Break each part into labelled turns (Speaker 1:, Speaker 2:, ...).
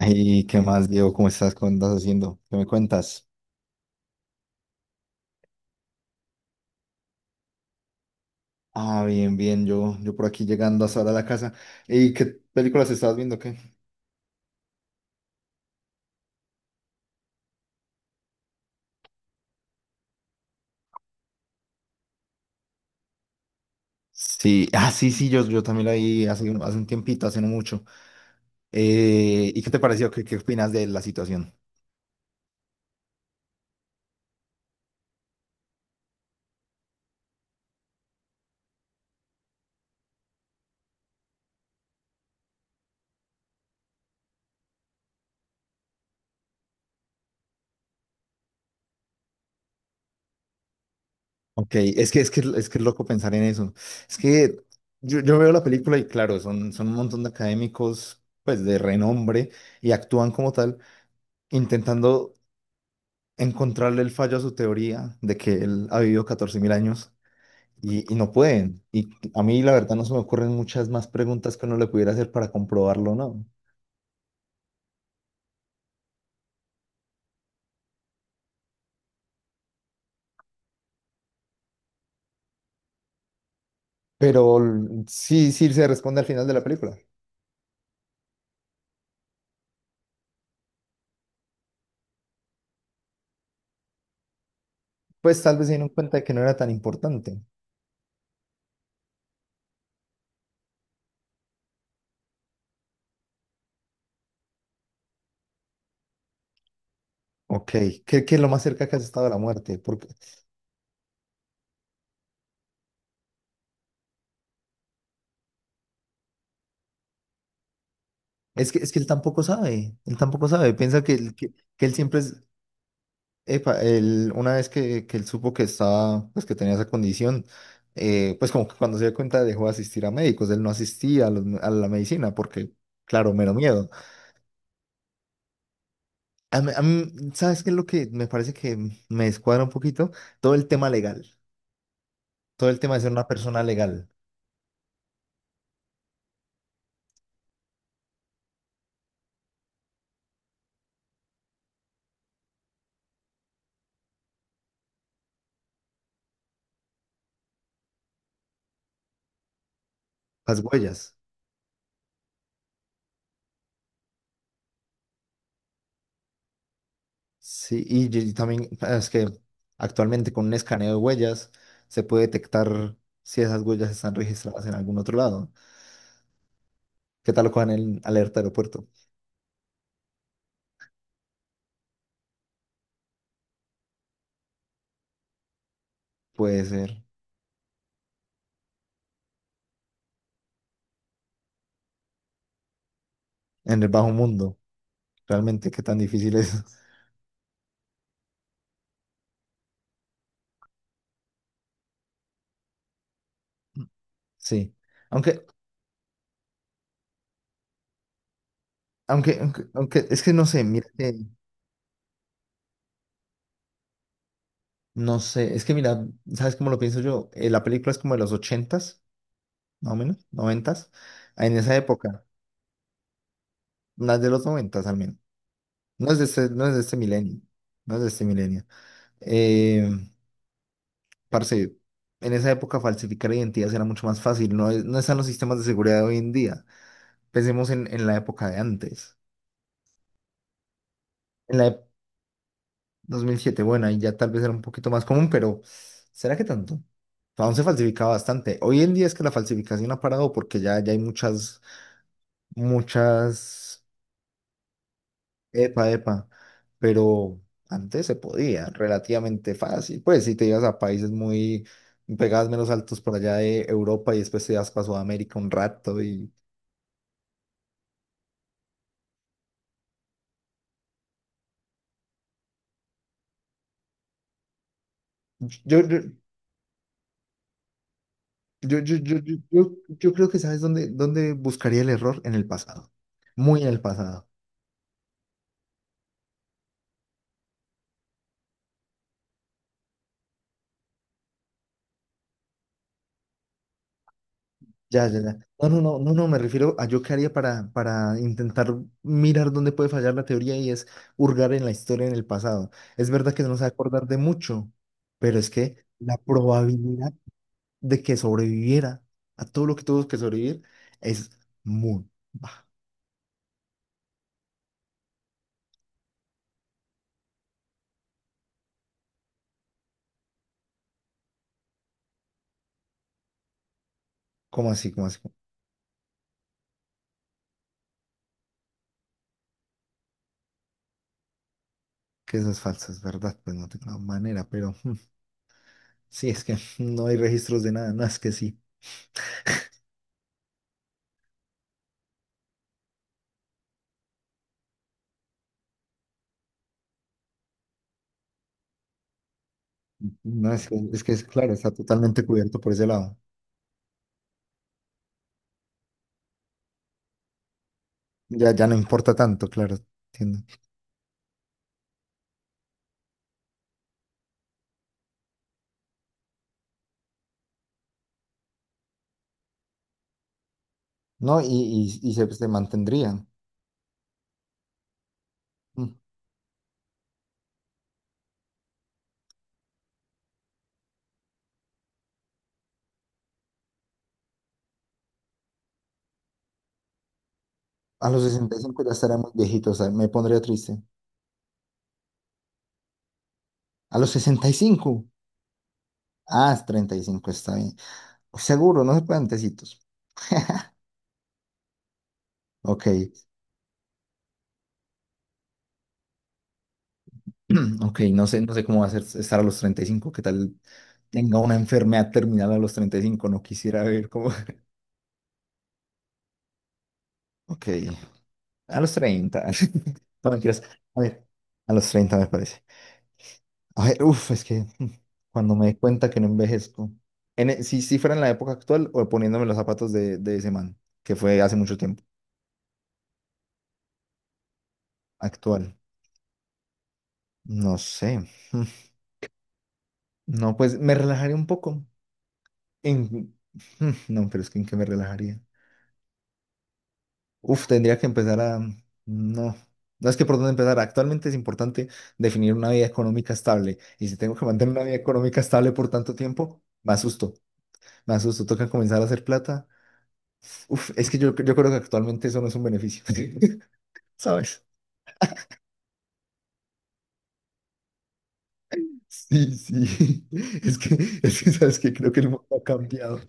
Speaker 1: ¿Y qué más, Diego? ¿Cómo estás? ¿Cómo andas haciendo? ¿Qué me cuentas? Ah, bien, bien. Yo por aquí llegando hasta ahora a la casa. ¿Y qué películas estabas viendo? ¿Qué? Sí, ah, sí, sí, yo también la vi hace un tiempito, hace no mucho. ¿Y qué te pareció? ¿Qué opinas de la situación? Ok, es que es loco pensar en eso. Es que yo veo la película y claro, son un montón de académicos, pues de renombre, y actúan como tal, intentando encontrarle el fallo a su teoría de que él ha vivido 14.000 años y no pueden. Y a mí la verdad no se me ocurren muchas más preguntas que uno le pudiera hacer para comprobarlo, ¿o no? Pero sí, sí se responde al final de la película. Pues tal vez se dieron cuenta de que no era tan importante. Ok, ¿qué es lo más cerca que has estado a la muerte? Porque es que él tampoco sabe, piensa que él siempre es. Epa, él, una vez que él supo que estaba, pues que tenía esa condición, pues como que cuando se dio cuenta dejó de asistir a médicos, él no asistía a la medicina porque, claro, mero miedo. A mí, ¿sabes qué es lo que me parece que me descuadra un poquito? Todo el tema legal, todo el tema de ser una persona legal, las huellas, sí, y también es que actualmente con un escaneo de huellas se puede detectar si esas huellas están registradas en algún otro lado. ¿Qué tal lo cojan en alerta aeropuerto? Puede ser. En el bajo mundo, realmente, qué tan difícil es. Sí. Aunque, aunque, es que no sé, mira que, no sé, es que mira, ¿sabes cómo lo pienso yo? La película es como de los ochentas, más o menos, noventas, en esa época, las de los noventas al menos. No es de este milenio, no es de este milenio. Eh, Parce, en esa época falsificar identidades era mucho más fácil, no, no están los sistemas de seguridad de hoy en día. Pensemos en la época de antes. En la, 2007, bueno, ahí ya tal vez era un poquito más común, pero ¿será que tanto? Aún se falsificaba bastante. Hoy en día es que la falsificación ha parado porque ya hay muchas, epa, epa, pero antes se podía relativamente fácil. Pues si te ibas a países muy, pegabas menos altos por allá de Europa y después te ibas para Sudamérica un rato y yo, yo, yo creo que sabes dónde buscaría el error en el pasado, muy en el pasado. Ya, ya, ya. No, no, no, no, no, me refiero a yo qué haría para, intentar mirar dónde puede fallar la teoría y es hurgar en la historia, en el pasado. Es verdad que no se va a acordar de mucho, pero es que la probabilidad de que sobreviviera a todo lo que tuvo que sobrevivir es muy baja. ¿Cómo así? ¿Cómo así? Que eso es falso, es verdad, pues no tengo manera, pero mm, sí, es que no hay registros de nada, no es que sí, no es que, es que es claro, está totalmente cubierto por ese lado. Ya, ya no importa tanto, claro, entiendo. No, y, y se mantendrían. Mm. A los 65 ya estaría muy viejito, o sea, me pondría triste. A los 65. Ah, es 35, está bien. Seguro, no se pueden tecitos. Ok, ok, no sé cómo va a ser estar a los 35. Qué tal tenga una enfermedad terminal a los 35, no quisiera ver cómo. Ok, a los 30 no, mentiras. A ver, a los 30 me parece. A ver, uf, es que cuando me dé cuenta que no envejezco. Si, fuera en la época actual o poniéndome los zapatos de ese man, que fue hace mucho tiempo. Actual. No sé. No, pues me relajaría un poco. En, no, pero es que en qué me relajaría. Uf, tendría que empezar a... No. No, es que por dónde empezar. Actualmente es importante definir una vida económica estable. Y si tengo que mantener una vida económica estable por tanto tiempo, me asusto. Me asusto. Toca comenzar a hacer plata. Uf, es que yo creo que actualmente eso no es un beneficio, ¿sabes? Sí, sí, es que, ¿sabes que creo que el mundo ha cambiado?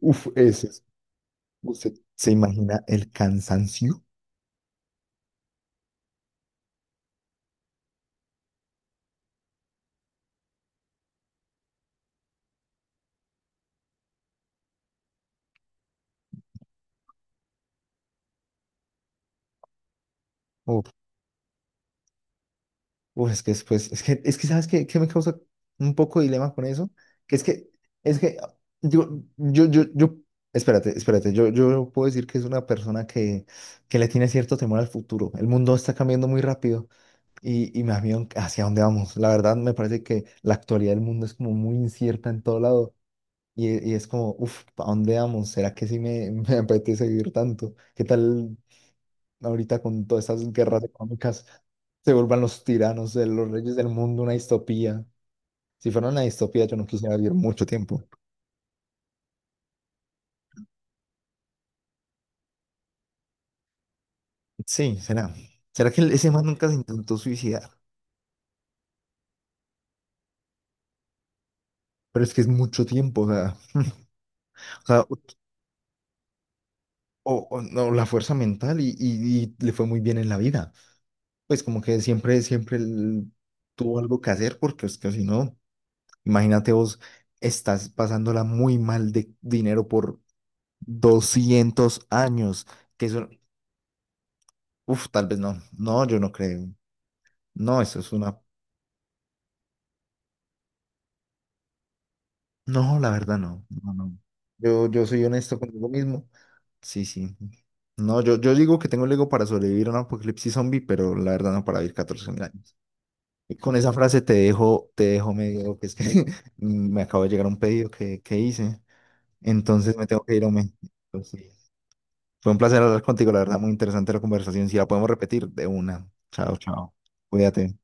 Speaker 1: Uf, eso es. ¿Usted se imagina el cansancio? Uf, uf, es que después, es que ¿sabes qué me causa un poco de dilema con eso? Que es que, yo, yo, yo, yo, espérate, espérate, yo puedo decir que es una persona que le tiene cierto temor al futuro. El mundo está cambiando muy rápido. Y más bien hacia dónde vamos. La verdad me parece que la actualidad del mundo es como muy incierta en todo lado y es como, uff, ¿a dónde vamos? ¿Será que sí me, me apetece vivir tanto? ¿Qué tal ahorita con todas esas guerras económicas se vuelvan los tiranos de los reyes del mundo una distopía? Si fuera una distopía yo no quisiera vivir mucho tiempo. Sí, será. ¿Será que ese man nunca se intentó suicidar? Pero es que es mucho tiempo, o, sea, o- o no, la fuerza mental y le fue muy bien en la vida. Pues como que siempre, siempre él tuvo algo que hacer, porque es que si no, imagínate vos, estás pasándola muy mal de dinero por 200 años, que eso, uff, tal vez no, no, yo no creo, no, eso es una, no, la verdad no, no, no, yo soy honesto conmigo mismo, sí, sí, no, yo digo que tengo el ego para sobrevivir a un apocalipsis zombie, pero la verdad no para vivir 14.000 años. Y con esa frase te dejo, medio, que es que me acabo de llegar un pedido que hice, entonces me tengo que ir, hombre. Pues sí. Fue un placer hablar contigo, la verdad, muy interesante la conversación. Si la podemos repetir, de una. Chao, chao. Cuídate.